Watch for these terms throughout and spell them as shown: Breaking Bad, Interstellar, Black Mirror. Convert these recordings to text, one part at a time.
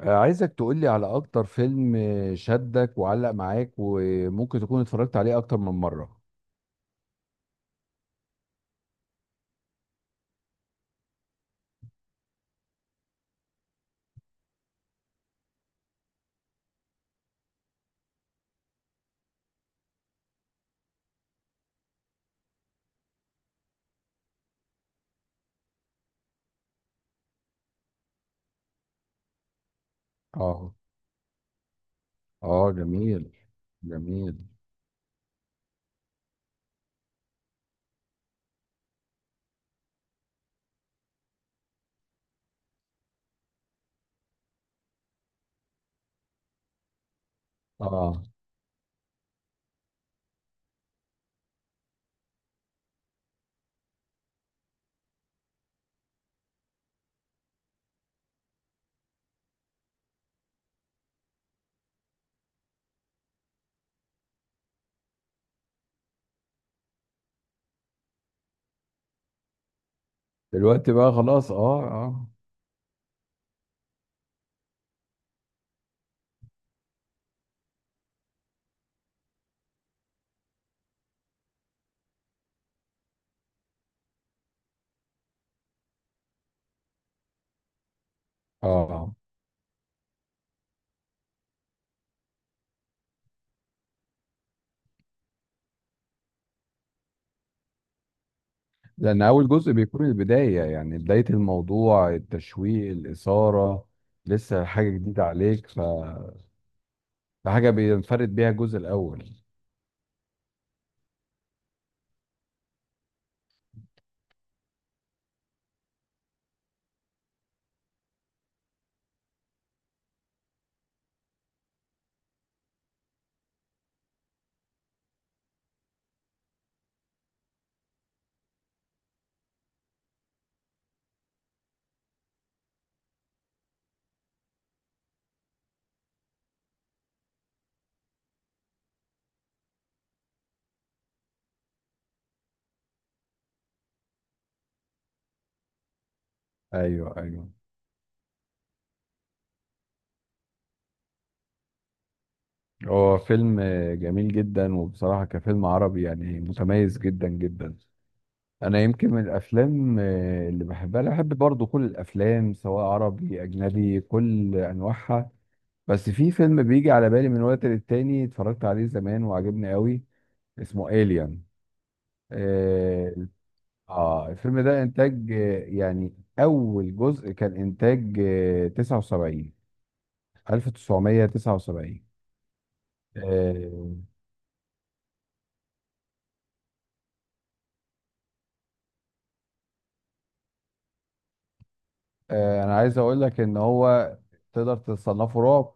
عايزك تقولي على اكتر فيلم، شدك وعلق معاك وممكن تكون اتفرجت عليه اكتر من مرة. اه. اه جميل. جميل. اه. دلوقتي بقى خلاص، اه اه. اه، لان اول جزء بيكون البداية، يعني بداية الموضوع، التشويق، الاثارة، لسه حاجة جديدة عليك، فحاجة بينفرد بيها الجزء الاول. ايوه ايوه. هو فيلم جميل جدا، وبصراحة كفيلم عربي يعني متميز جدا جدا. أنا يمكن من الأفلام اللي بحبها، أنا بحب برضو كل الأفلام سواء عربي أجنبي، كل أنواعها. بس في فيلم بيجي على بالي من وقت للتاني، اتفرجت عليه زمان وعجبني قوي، اسمه إيليان. آه. الفيلم ده إنتاج، يعني أول جزء كان إنتاج 79، 1979. انا عايز اقول لك ان هو تقدر تصنفه رعب،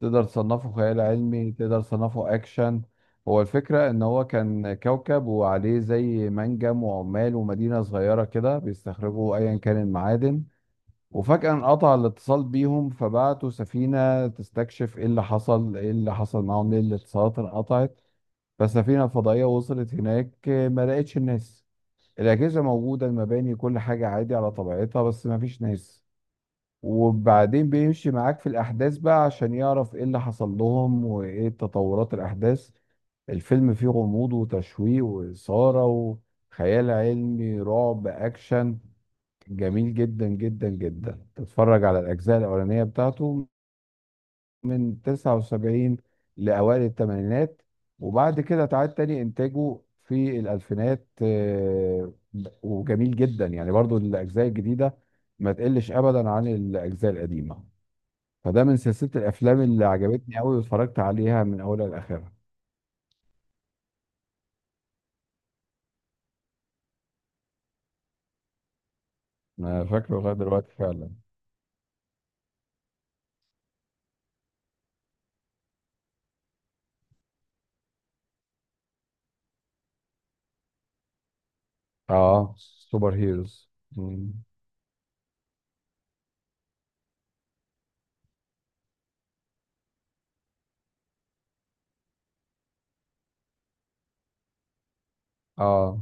تقدر تصنفه خيال علمي، تقدر تصنفه اكشن. هو الفكرة ان هو كان كوكب وعليه زي منجم وعمال ومدينة صغيرة كده، بيستخرجوا ايا كان المعادن. وفجأة انقطع الاتصال بيهم، فبعتوا سفينة تستكشف ايه اللي حصل، ايه اللي حصل معاهم، ليه الاتصالات انقطعت. فالسفينة الفضائية وصلت هناك، ما لقتش الناس. الأجهزة موجودة، المباني كل حاجة عادي على طبيعتها، بس ما فيش ناس. وبعدين بيمشي معاك في الأحداث بقى عشان يعرف إيه اللي حصل لهم وإيه تطورات الأحداث. الفيلم فيه غموض وتشويق وإثارة وخيال علمي، رعب، أكشن. جميل جدا جدا جدا. تتفرج على الأجزاء الأولانية بتاعته من 79 لأوائل الثمانينات، وبعد كده تعاد تاني إنتاجه في الألفينات. وجميل جدا يعني برضو الأجزاء الجديدة، ما تقلش أبدا عن الأجزاء القديمة. فده من سلسلة الأفلام اللي عجبتني أوي واتفرجت عليها من أولها لآخرها. أنا فاكره لغاية دلوقتي فعلا. آه سوبر هيروز. مم. آه.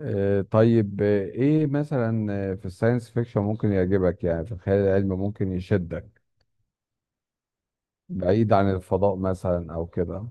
طيب، إيه مثلا؟ في الساينس فيكشن ممكن يعجبك؟ يعني في الخيال العلمي ممكن يشدك بعيد عن الفضاء مثلا أو كده؟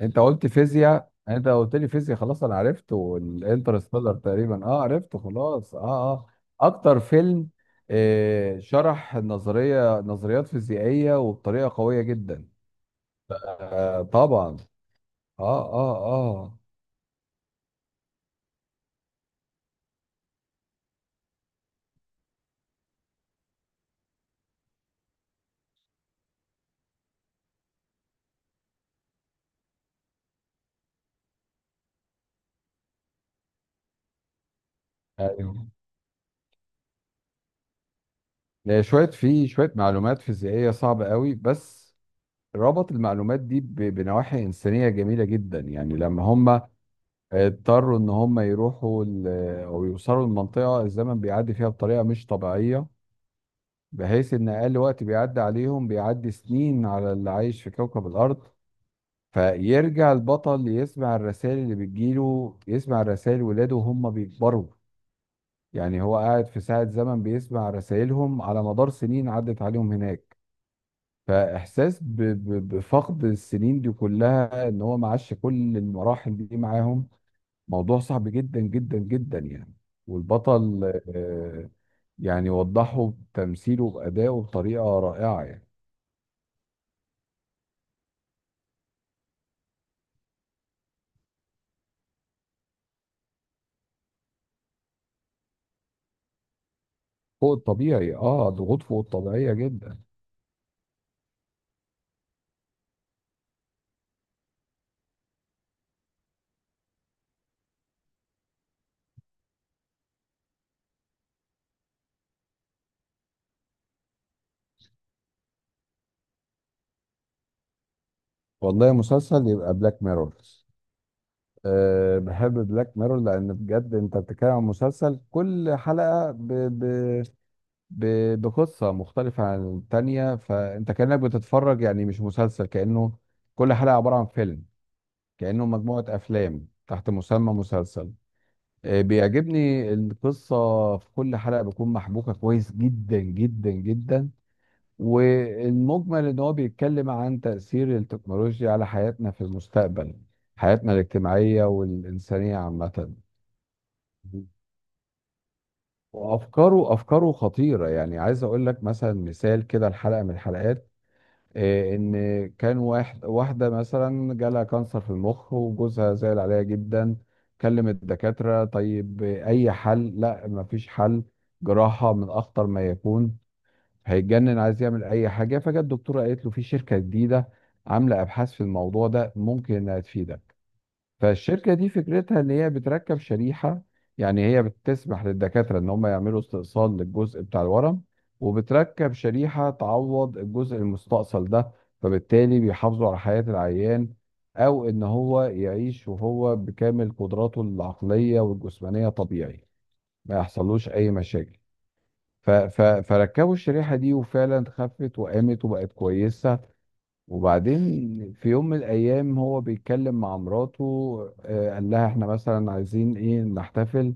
انت قلت فيزياء، انت قلت لي فيزياء، خلاص انا عرفت، والانترستيلر تقريبا. اه عرفته، خلاص. اه. اه اكتر فيلم. شرح النظريه، نظريات فيزيائيه، وبطريقه قويه جدا. آه طبعا. اه اه اه. ايوه. شويه في شويه معلومات فيزيائيه صعبه قوي، بس ربط المعلومات دي بنواحي انسانيه جميله جدا. يعني لما هم اضطروا ان هم يروحوا او يوصلوا لمنطقه الزمن بيعدي فيها بطريقه مش طبيعيه، بحيث ان اقل وقت بيعدي عليهم بيعدي سنين على اللي عايش في كوكب الارض. فيرجع البطل يسمع الرسائل اللي بتجيله، يسمع الرسائل ولاده وهم بيكبروا. يعني هو قاعد في ساعة زمن بيسمع رسائلهم على مدار سنين عدت عليهم هناك. فاحساس بفقد السنين دي كلها، ان هو ما عاش كل المراحل دي معاهم. موضوع صعب جدا جدا جدا يعني. والبطل آه، يعني وضحه بتمثيله بأدائه بطريقة رائعة يعني. فوق الطبيعي، اه، ضغوط فوق الطبيعية جدا. والله، مسلسل يبقى بلاك ميرور. بحب بلاك ميرور، لان بجد انت بتتكلم عن مسلسل كل حلقة ب... بقصة مختلفة عن التانية، فانت كأنك بتتفرج يعني مش مسلسل، كأنه كل حلقة عبارة عن فيلم، كأنه مجموعة افلام تحت مسمى مسلسل. بيعجبني القصة في كل حلقة بتكون محبوكة كويس جدا جدا جدا. والمجمل ان هو بيتكلم عن تأثير التكنولوجيا على حياتنا في المستقبل، حياتنا الاجتماعية والإنسانية عامة. وافكاره، افكاره خطيره. يعني عايز اقول لك مثلا مثال كده، الحلقه من الحلقات، ان كان واحد، واحده مثلا جالها كانسر في المخ وجوزها زعل عليها جدا. كلم الدكاتره، طيب اي حل؟ لا، ما فيش حل، جراحه من اخطر ما يكون. هيتجنن، عايز يعمل اي حاجه. فجت الدكتوره قالت له في شركه جديده عامله ابحاث في الموضوع ده، ممكن انها تفيدك. فالشركه دي فكرتها ان هي بتركب شريحه، يعني هي بتسمح للدكاتره ان هم يعملوا استئصال للجزء بتاع الورم، وبتركب شريحه تعوض الجزء المستأصل ده، فبالتالي بيحافظوا على حياه العيان. او ان هو يعيش وهو بكامل قدراته العقليه والجسمانيه طبيعي، ما يحصلوش اي مشاكل. فركبوا الشريحة دي، وفعلا خفت وقامت وبقت كويسة. وبعدين في يوم من الأيام، هو بيتكلم مع مراته، قال لها احنا مثلا عايزين ايه نحتفل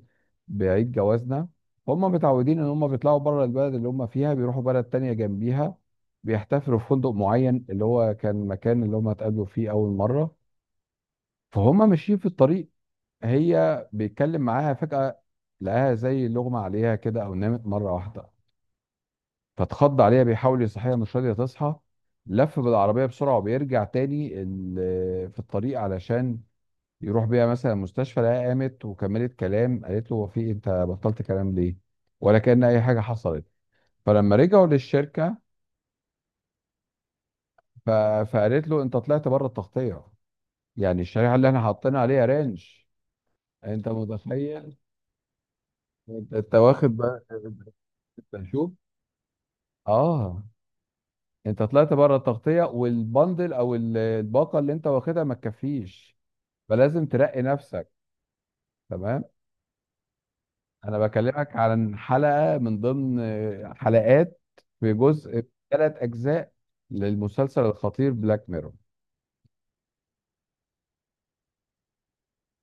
بعيد جوازنا. هم متعودين ان هم بيطلعوا بره البلد اللي هم فيها، بيروحوا بلد تانية جنبيها، بيحتفلوا في فندق معين اللي هو كان مكان اللي هم اتقابلوا فيه أول مرة. فهم ماشيين في الطريق، هي بيتكلم معاها فجأة لقاها زي لغمة عليها كده، أو نامت مرة واحدة. فاتخض عليها، بيحاول يصحيها مش راضيه تصحى. لف بالعربيه بسرعه وبيرجع تاني في الطريق علشان يروح بيها مثلا المستشفى. لقاها قامت وكملت كلام، قالت له هو في إيه؟ انت بطلت كلام ليه؟ ولا كأن اي حاجه حصلت. فلما رجعوا للشركه، ف... فقالت له انت طلعت بره التغطيه، يعني الشريحه اللي احنا حاطينها عليها رانش. انت متخيل؟ أنت واخد بقى، انت شوف. اه، انت طلعت بره التغطيه، والبندل او الباقه اللي انت واخدها ما تكفيش، فلازم ترقي نفسك. تمام. انا بكلمك عن حلقة من ضمن حلقات في جزء، ثلاث اجزاء للمسلسل الخطير بلاك ميرور.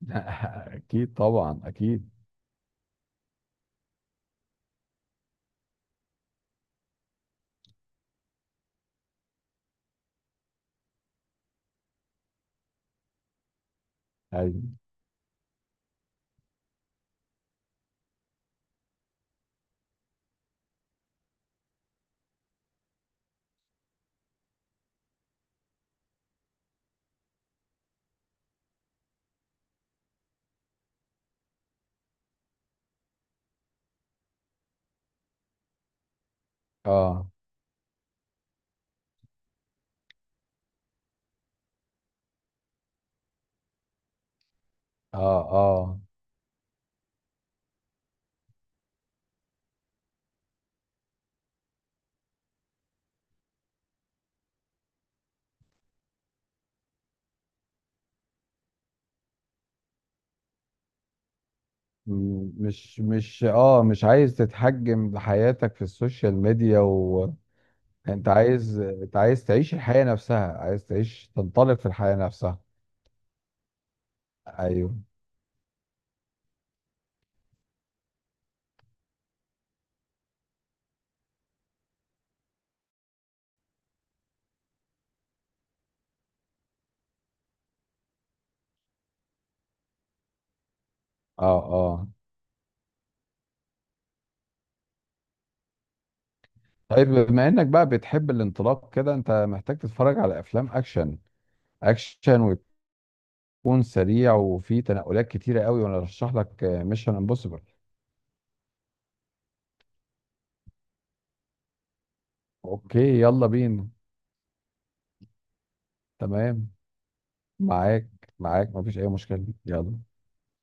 اكيد طبعا، اكيد. أيوة. اه اه اه. مش عايز تتحجم بحياتك في السوشيال ميديا، وانت عايز، انت عايز تعيش الحياة نفسها، عايز تعيش تنطلق في الحياة نفسها. ايوه. اه اه. طيب بما انك بقى بتحب الانطلاق كده، انت محتاج تتفرج على افلام اكشن، اكشن ويكون سريع وفيه تنقلات كتيره قوي، وانا ارشح لك ميشن امبوسيبل. اوكي، يلا بينا. تمام. معاك، معاك، مفيش اي مشكله، يلا.